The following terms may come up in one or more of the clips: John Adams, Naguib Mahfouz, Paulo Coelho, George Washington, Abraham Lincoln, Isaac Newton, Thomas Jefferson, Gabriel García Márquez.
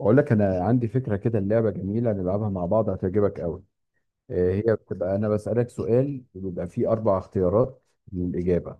بقول لك انا عندي فكره كده، اللعبه جميله نلعبها مع بعض هتعجبك قوي. هي بتبقى انا بسالك سؤال وبيبقى فيه اربع اختيارات للاجابه.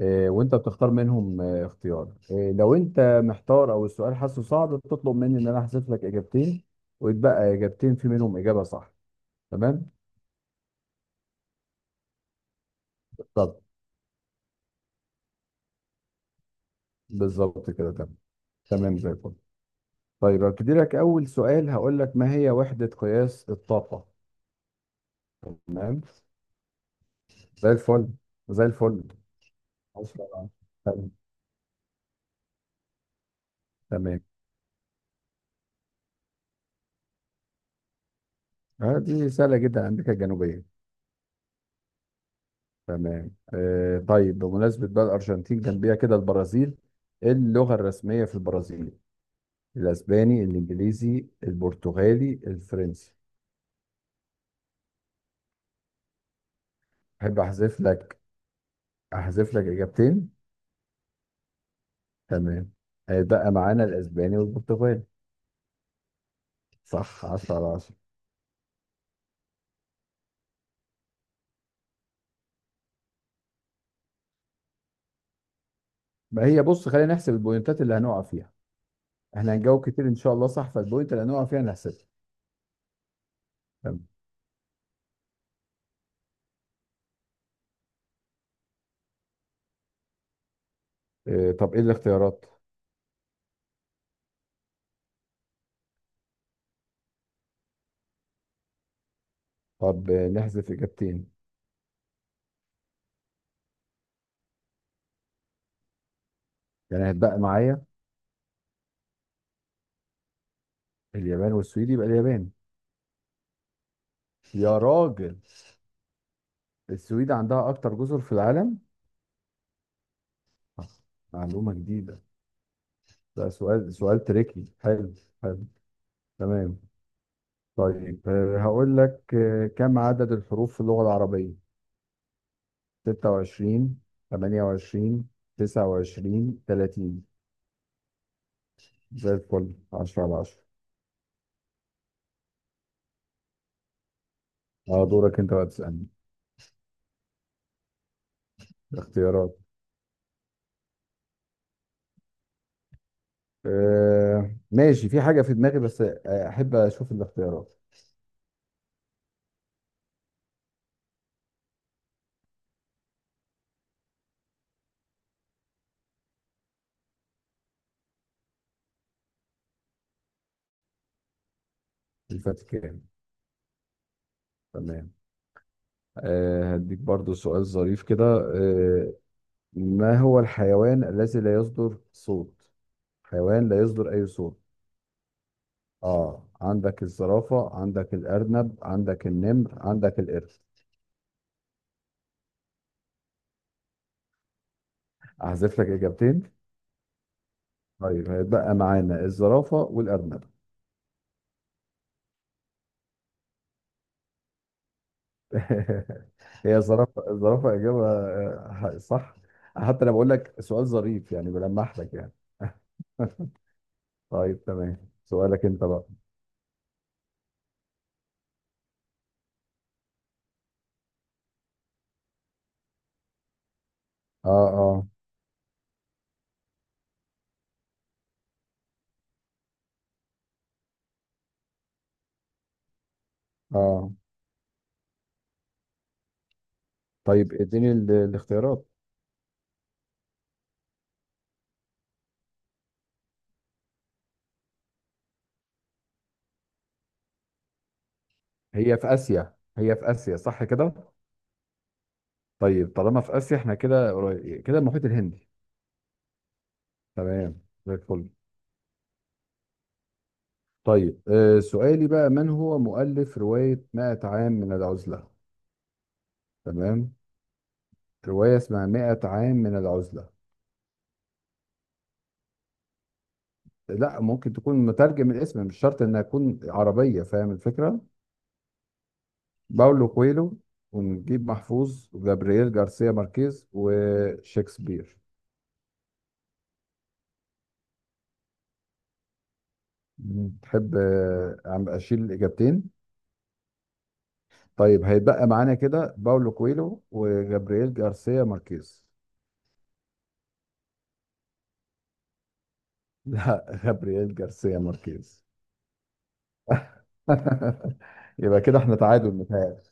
وانت بتختار منهم اختيار، لو انت محتار او السؤال حاسه صعب بتطلب مني ان انا احذف لك اجابتين ويتبقى اجابتين في منهم اجابه صح. تمام. طب بالظبط كده، تمام. تمام، زي الفل. طيب هبتدي لك اول سؤال: هقول لك ما هي وحده قياس الطاقه؟ تمام، زي الفل. زي الفل، عشرة على عشرة. تمام. تمام، دي سهلة جدا، أمريكا الجنوبية. تمام طيب، بمناسبة بقى الأرجنتين جنبيها كده البرازيل، إيه اللغة الرسمية في البرازيل؟ الأسباني، الإنجليزي، البرتغالي، الفرنسي؟ أحب أحذف لك إجابتين. تمام، بقى معانا الأسباني والبرتغالي. صح، 10 على 10. ما هي، بص خلينا نحسب البوينتات اللي هنقع فيها. إحنا هنجاوب كتير إن شاء الله صح، فالبوينت اللي هنقع فيها هنحسبها. تمام طب، إيه الاختيارات؟ طب، نحذف إجابتين. يعني هتبقى معايا اليابان والسويد، يبقى اليابان. يا راجل، السويد عندها أكتر جزر في العالم. آه، معلومة جديدة. ده سؤال تريكي حلو. حلو. تمام، طيب هقول لك كم عدد الحروف في اللغة العربية؟ 26، 28، 29، 30؟ زي الفل، 10 على 10. اه، دورك انت بقى تسألني. الاختيارات؟ ماشي، في حاجة في دماغي بس أحب أشوف الاختيارات. الفاتيكان. تمام، هديك برضو سؤال ظريف كده. آه، ما هو الحيوان الذي لا يصدر صوت؟ حيوان لا يصدر أي صوت. اه، عندك الزرافة، عندك الأرنب، عندك النمر، عندك القرش. أحذف لك إجابتين. طيب هيتبقى معانا الزرافة والأرنب. هي زرافة، الزرافة إجابة، صح. حتى أنا بقول لك سؤال ظريف يعني، بلمح لك يعني. طيب، تمام، سؤالك أنت بقى. اه، اه. اه. طيب اديني الاختيارات. هي في آسيا صح كده. طيب طالما في آسيا احنا كده قريب كده، المحيط الهندي. تمام، زي الفل. طيب سؤالي بقى: من هو مؤلف رواية 100 عام من العزلة؟ تمام، رواية اسمها 100 عام من العزلة. لا، ممكن تكون مترجم، الاسم مش شرط انها تكون عربية، فاهم الفكرة. باولو كويلو، ونجيب محفوظ، وجابرييل جارسيا ماركيز، وشكسبير. مم. تحب أشيل الإجابتين؟ طيب هيتبقى معانا كده باولو كويلو وجابرييل جارسيا ماركيز. لا جابرييل جارسيا ماركيز. يبقى كده احنا تعادل، متهيألي.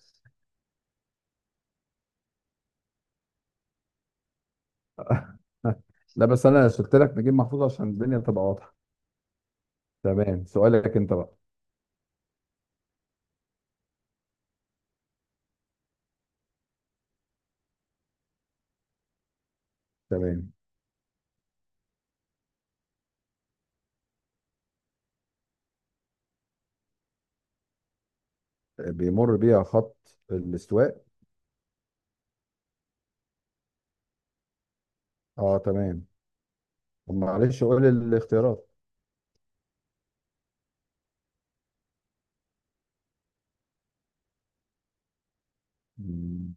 لا، بس انا قلت لك نجيب محفوظ عشان الدنيا تبقى واضحه. تمام، سؤالك انت بقى. تمام. بيمر بيها خط الاستواء. اه، تمام. طب معلش، قول الاختيارات. مم.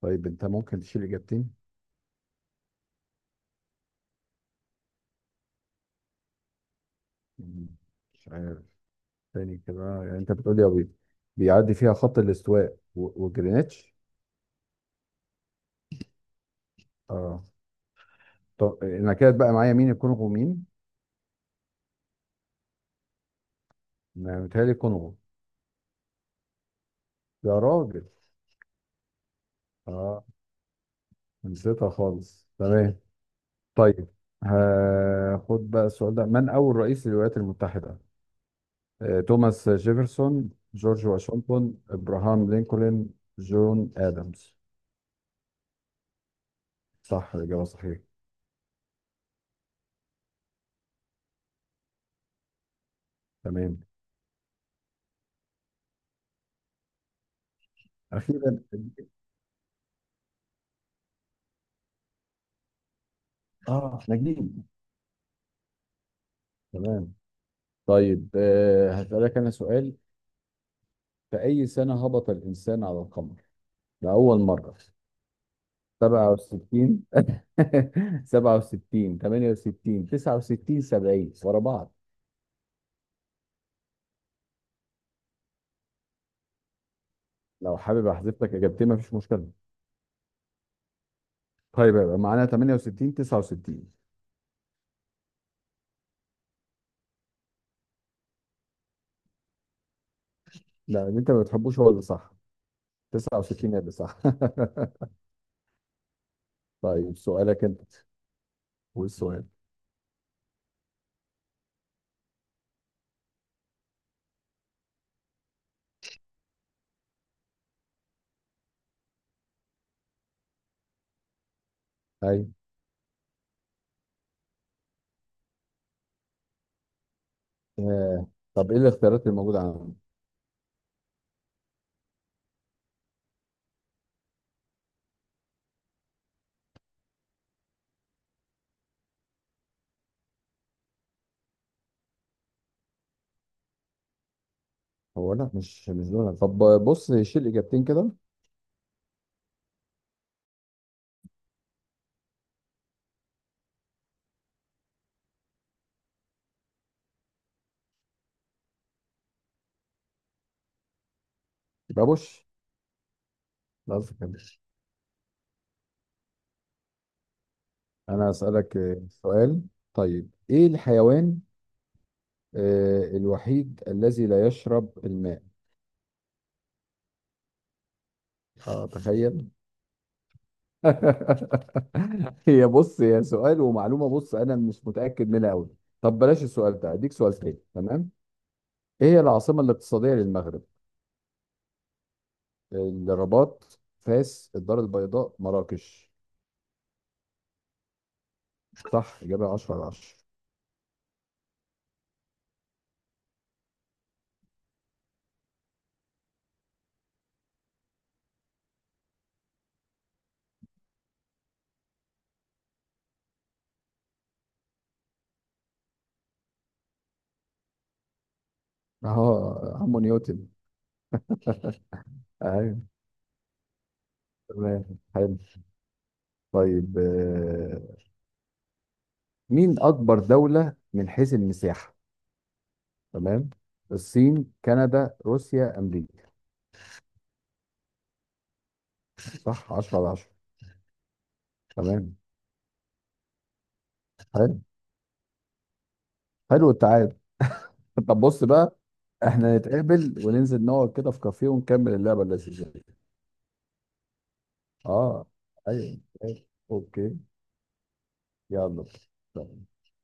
طيب انت ممكن تشيل اجابتين. مم. مش عارف. تاني كده، يعني انت بتقولي ابيض، بيعدي فيها خط الاستواء وجرينتش. اه. طب نكدت بقى معايا، مين الكونغو مين؟ ما متهيألي الكونغو. يا راجل. اه، نسيتها خالص. تمام. طيب هاخد بقى السؤال ده: من اول رئيس للولايات المتحدة؟ توماس جيفرسون، جورج واشنطن، ابراهام لينكولن، جون ادمز؟ صح، الاجابة صحيحة. تمام، اخيرا، اه نجيب، تمام. طيب هسألك أنا سؤال: في أي سنة هبط الإنسان على القمر لأول مرة؟ 67، 67، 68، 69، 70 ورا بعض. لو حابب أحذف لك إجابتين مفيش مشكلة. طيب يبقى معانا 68، 69. لا، اللي أنت ما بتحبوش هو اللي صح. 69 اللي صح. طيب سؤالك أنت. والسؤال. طيب آه. طب إيه الاختيارات اللي موجودة عندك؟ هو لا، مش دول، طب. بص، شيل إجابتين كده. يبقى بوش. لا قصدك كده. أنا أسألك سؤال. طيب إيه الحيوان الوحيد الذي لا يشرب الماء؟ تخيل. هي بص، هي سؤال ومعلومة، بص أنا مش متأكد منها أوي. طب بلاش السؤال ده، أديك سؤال تاني، تمام. إيه هي العاصمة الاقتصادية للمغرب؟ الرباط، فاس، الدار البيضاء، مراكش؟ صح، إجابة 10 على 10. أه، عمو نيوتن. أيوه، تمام، حلو. طيب مين أكبر دولة من حيث المساحة؟ تمام، الصين، كندا، روسيا، امريكا؟ صح، 10 على 10. تمام، حلو. حلو التعادل. طب بص بقى، احنا نتقابل وننزل نقعد كده في كافيه ونكمل اللعبه اللذيذه دي. اه، ايوه، أيوة. اوكي، يلا.